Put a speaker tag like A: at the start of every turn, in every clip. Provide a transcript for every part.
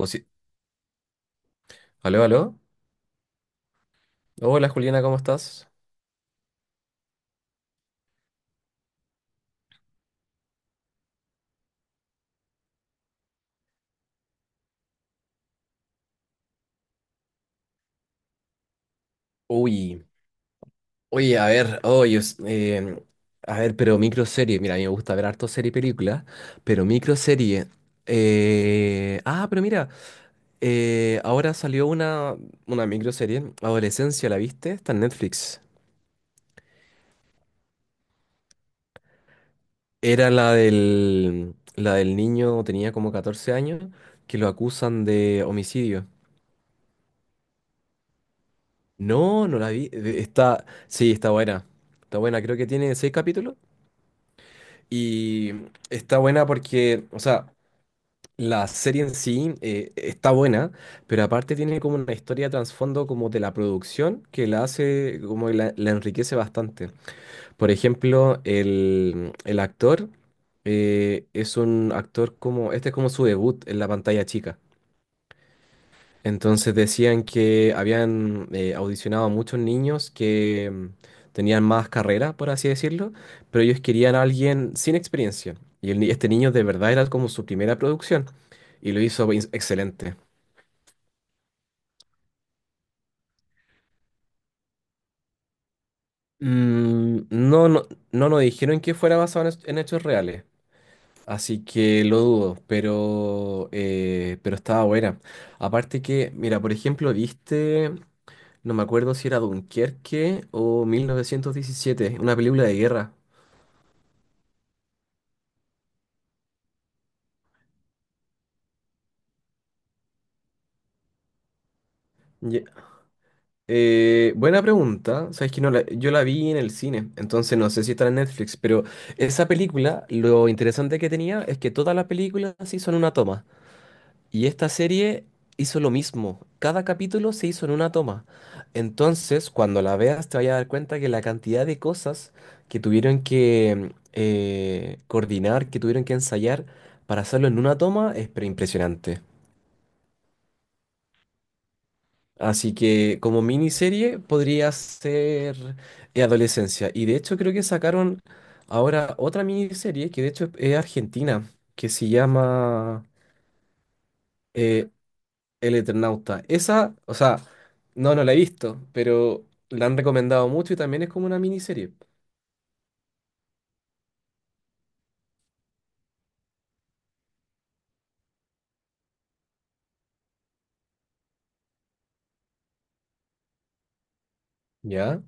A: Posi- Aló, aló. Hola Juliana, ¿cómo estás? Uy, oye, a ver, oye, es- em, a ver, Pero microserie, mira, a mí me gusta ver harto serie y película, pero microserie. Pero mira, ahora salió una microserie, Adolescencia, ¿la viste? Está en Netflix. Era la del niño, tenía como 14 años, que lo acusan de homicidio. No, no la vi, está, sí, está buena, creo que tiene seis capítulos. Y está buena porque, o sea, la serie en sí está buena, pero aparte tiene como una historia de trasfondo como de la producción que la hace, como que la enriquece bastante. Por ejemplo, el actor es un actor como, este es como su debut en la pantalla chica. Entonces decían que habían audicionado a muchos niños que tenían más carrera, por así decirlo, pero ellos querían a alguien sin experiencia. Y el ni- este niño de verdad era como su primera producción y lo hizo excelente. No, no, no nos dijeron que fuera basado en hechos reales, así que lo dudo, pero estaba buena. Aparte que, mira, por ejemplo, ¿viste? No me acuerdo si era Dunkerque o 1917, una película de guerra. Ye- Buena pregunta. Sabes que no la- yo la vi en el cine, entonces no sé si está en Netflix, pero esa película, lo interesante que tenía es que todas las películas sí son una toma. Y esta serie hizo lo mismo. Cada capítulo se hizo en una toma. Entonces, cuando la veas, te vayas a dar cuenta que la cantidad de cosas que tuvieron que coordinar, que tuvieron que ensayar para hacerlo en una toma, es pero impresionante. Así que como miniserie podría ser Adolescencia. Y de hecho creo que sacaron ahora otra miniserie que de hecho es argentina, que se llama eh, El Eternauta. Esa, o sea, no, no la he visto, pero la han recomendado mucho y también es como una miniserie. ¿Ya?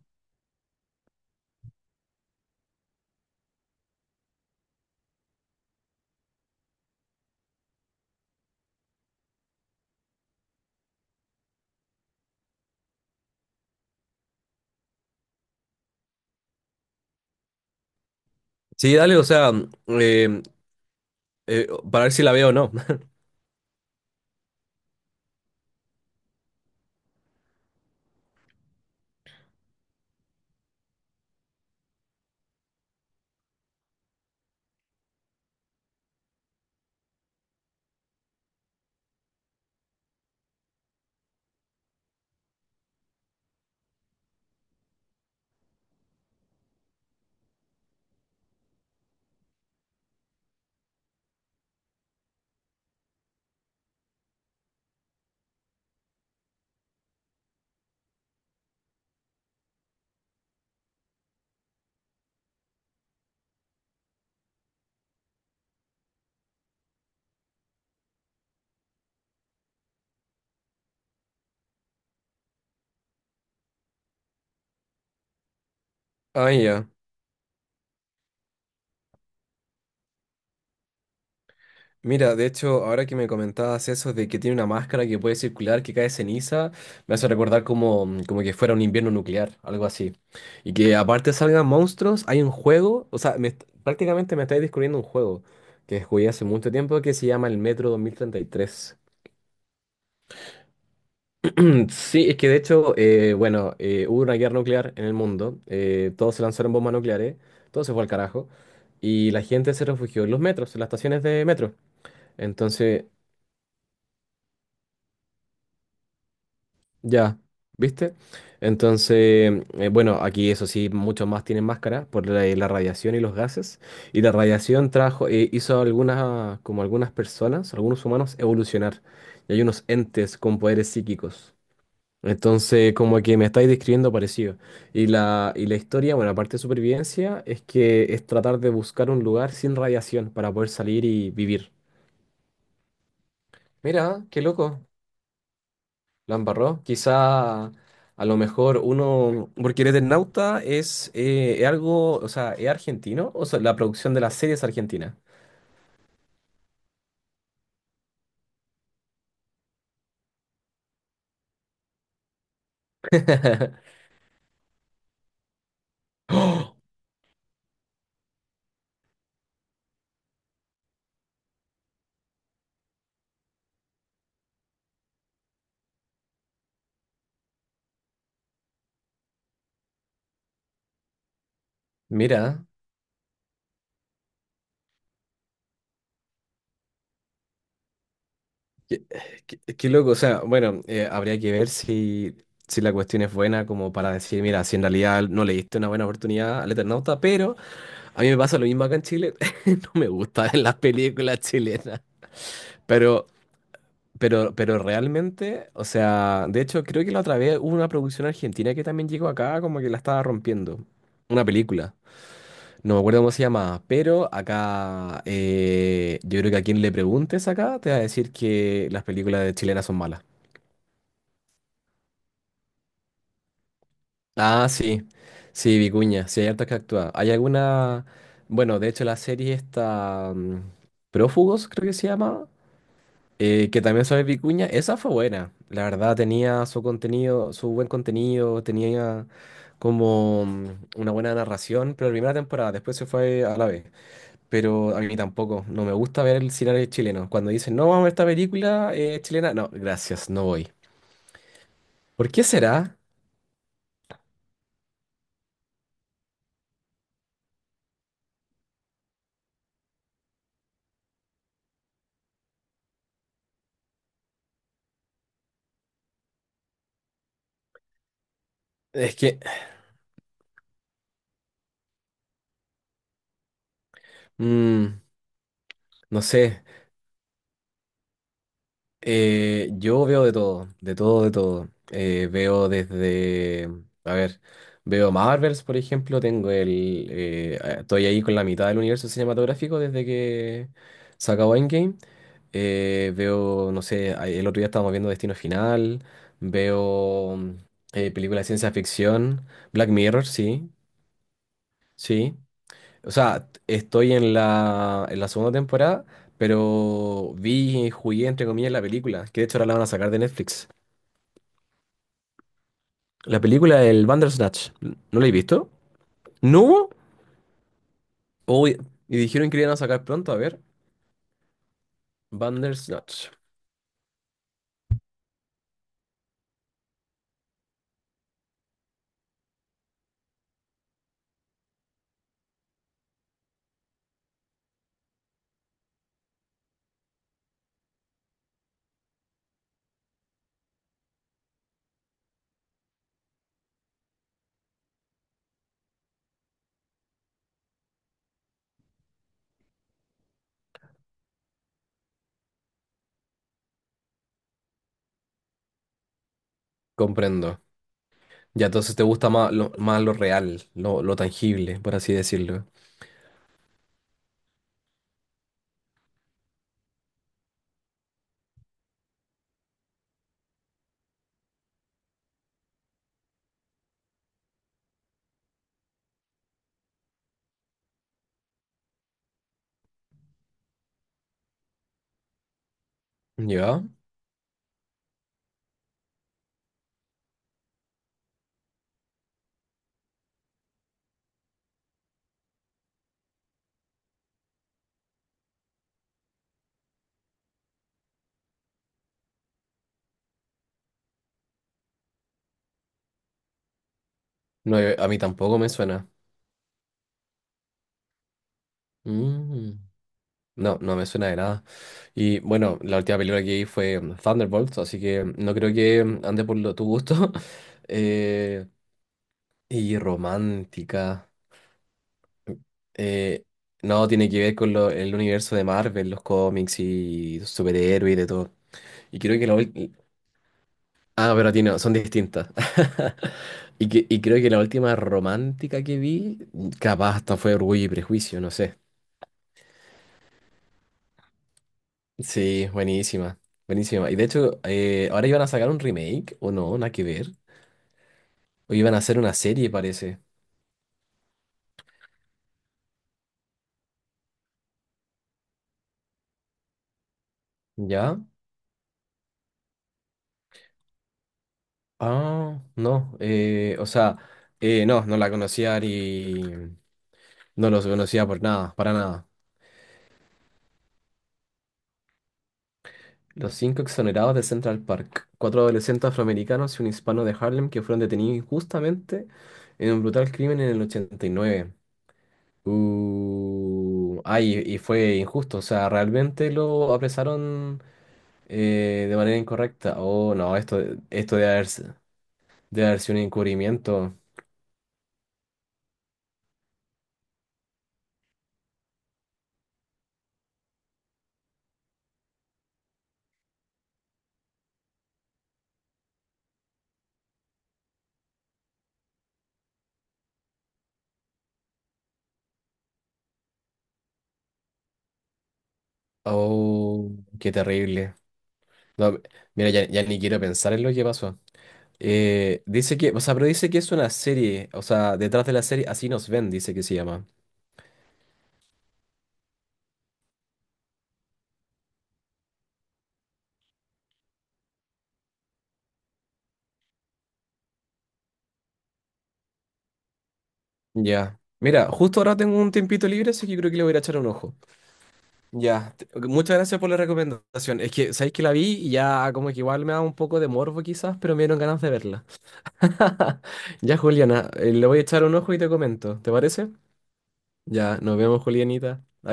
A: Sí, dale, o sea, eh, para ver si la veo o no. Ah, ya. Mira, de hecho, ahora que me comentabas eso de que tiene una máscara que puede circular, que cae ceniza, me hace recordar como, como que fuera un invierno nuclear, algo así. Y que aparte salgan monstruos, hay un juego, o sea, prácticamente me estáis descubriendo un juego que jugué hace mucho tiempo que se llama el Metro 2033. Sí, es que de hecho, bueno, hubo una guerra nuclear en el mundo, todos se lanzaron bombas nucleares, todo se fue al carajo, y la gente se refugió en los metros, en las estaciones de metro. Entonces, ya, ¿viste? Entonces, bueno, aquí eso sí, muchos más tienen máscara por la, la radiación y los gases, y la radiación trajo, hizo algunas, como algunas personas, algunos humanos evolucionar, y hay unos entes con poderes psíquicos. Entonces, como que me estáis describiendo parecido. Y la historia, bueno, aparte de supervivencia, es que es tratar de buscar un lugar sin radiación para poder salir y vivir. Mira, qué loco, la embarró. Quizá a lo mejor uno, porque el Eternauta es algo, o sea, es argentino, o sea, la producción de la serie es argentina. Mira. Qué, Qué loco, o sea, bueno, habría que ver si, si la cuestión es buena como para decir, mira, si en realidad no le diste una buena oportunidad al Eternauta, pero a mí me pasa lo mismo acá en Chile, no me gustan las películas chilenas, pero, pero realmente, o sea, de hecho creo que la otra vez hubo una producción argentina que también llegó acá como que la estaba rompiendo, una película, no me acuerdo cómo se llamaba, pero acá yo creo que a quien le preguntes acá te va a decir que las películas de chilenas son malas. Ah, sí, sí, Vicuña, sí, hay harta que actúa. Hay alguna, bueno, de hecho la serie está Prófugos, creo que se llama, que también sale Vicuña, esa fue buena, la verdad tenía su contenido, su buen contenido, tenía como una buena narración, pero la primera temporada, después se fue a la vez, pero a mí tampoco, no me gusta ver el cine chileno, cuando dicen, no, vamos a ver esta película chilena, no, gracias, no voy. ¿Por qué será? Es que, mm, no sé. Yo veo de todo, de todo, de todo. Veo desde, a ver, veo Marvels, por ejemplo, tengo el, estoy ahí con la mitad del universo cinematográfico desde que se acabó Endgame. Veo, no sé, el otro día estábamos viendo Destino Final, veo películas de ciencia ficción, Black Mirror, sí, sí. O sea, estoy en la segunda temporada, pero vi y jugué, entre comillas, la película, que de hecho ahora la van a sacar de Netflix. La película del Bandersnatch, ¿no la he visto? ¿No hubo? Uy, y dijeron que la iban a sacar pronto, a ver. Bandersnatch, comprendo. Ya, entonces te gusta más lo real, lo tangible, por así decirlo. ¿Ya? No, a mí tampoco me suena. Mm. No, no me suena de nada. Y bueno, la última película que vi fue Thunderbolts, así que no creo que ande por tu gusto. Eh, y romántica. eh, no, tiene que ver con el universo de Marvel, los cómics y superhéroes y de todo. Y creo que la última... Ah, pero a ti no, son distintas. Y, y creo que la última romántica que vi, capaz hasta fue Orgullo y Prejuicio, no sé. Sí, buenísima, buenísima. Y de hecho, ahora iban a sacar un remake, o no, nada que ver. O iban a hacer una serie, parece. ¿Ya? Ah, no. O sea, no, no la conocía y no los conocía por nada, para nada. Los cinco exonerados de Central Park. Cuatro adolescentes afroamericanos y un hispano de Harlem que fueron detenidos injustamente en un brutal crimen en el 89. Ay, y fue injusto. O sea, realmente lo apresaron de manera incorrecta. Oh, no, esto, esto debe haber, s- debe haber sido un encubrimiento. Oh, qué terrible. No, mira, ya, ya ni quiero pensar en lo que pasó. Dice que, o sea, pero dice que es una serie, o sea, detrás de la serie, así nos ven, dice que se llama. Ya. Mira, justo ahora tengo un tiempito libre, así que creo que le voy a ir a echar un ojo. Ya, ok, muchas gracias por la recomendación. Es que, sabéis que la vi y ya como que igual me da un poco de morbo quizás, pero me dieron ganas de verla. Ya, Juliana, le voy a echar un ojo y te comento, ¿te parece? Ya, nos vemos, Julianita.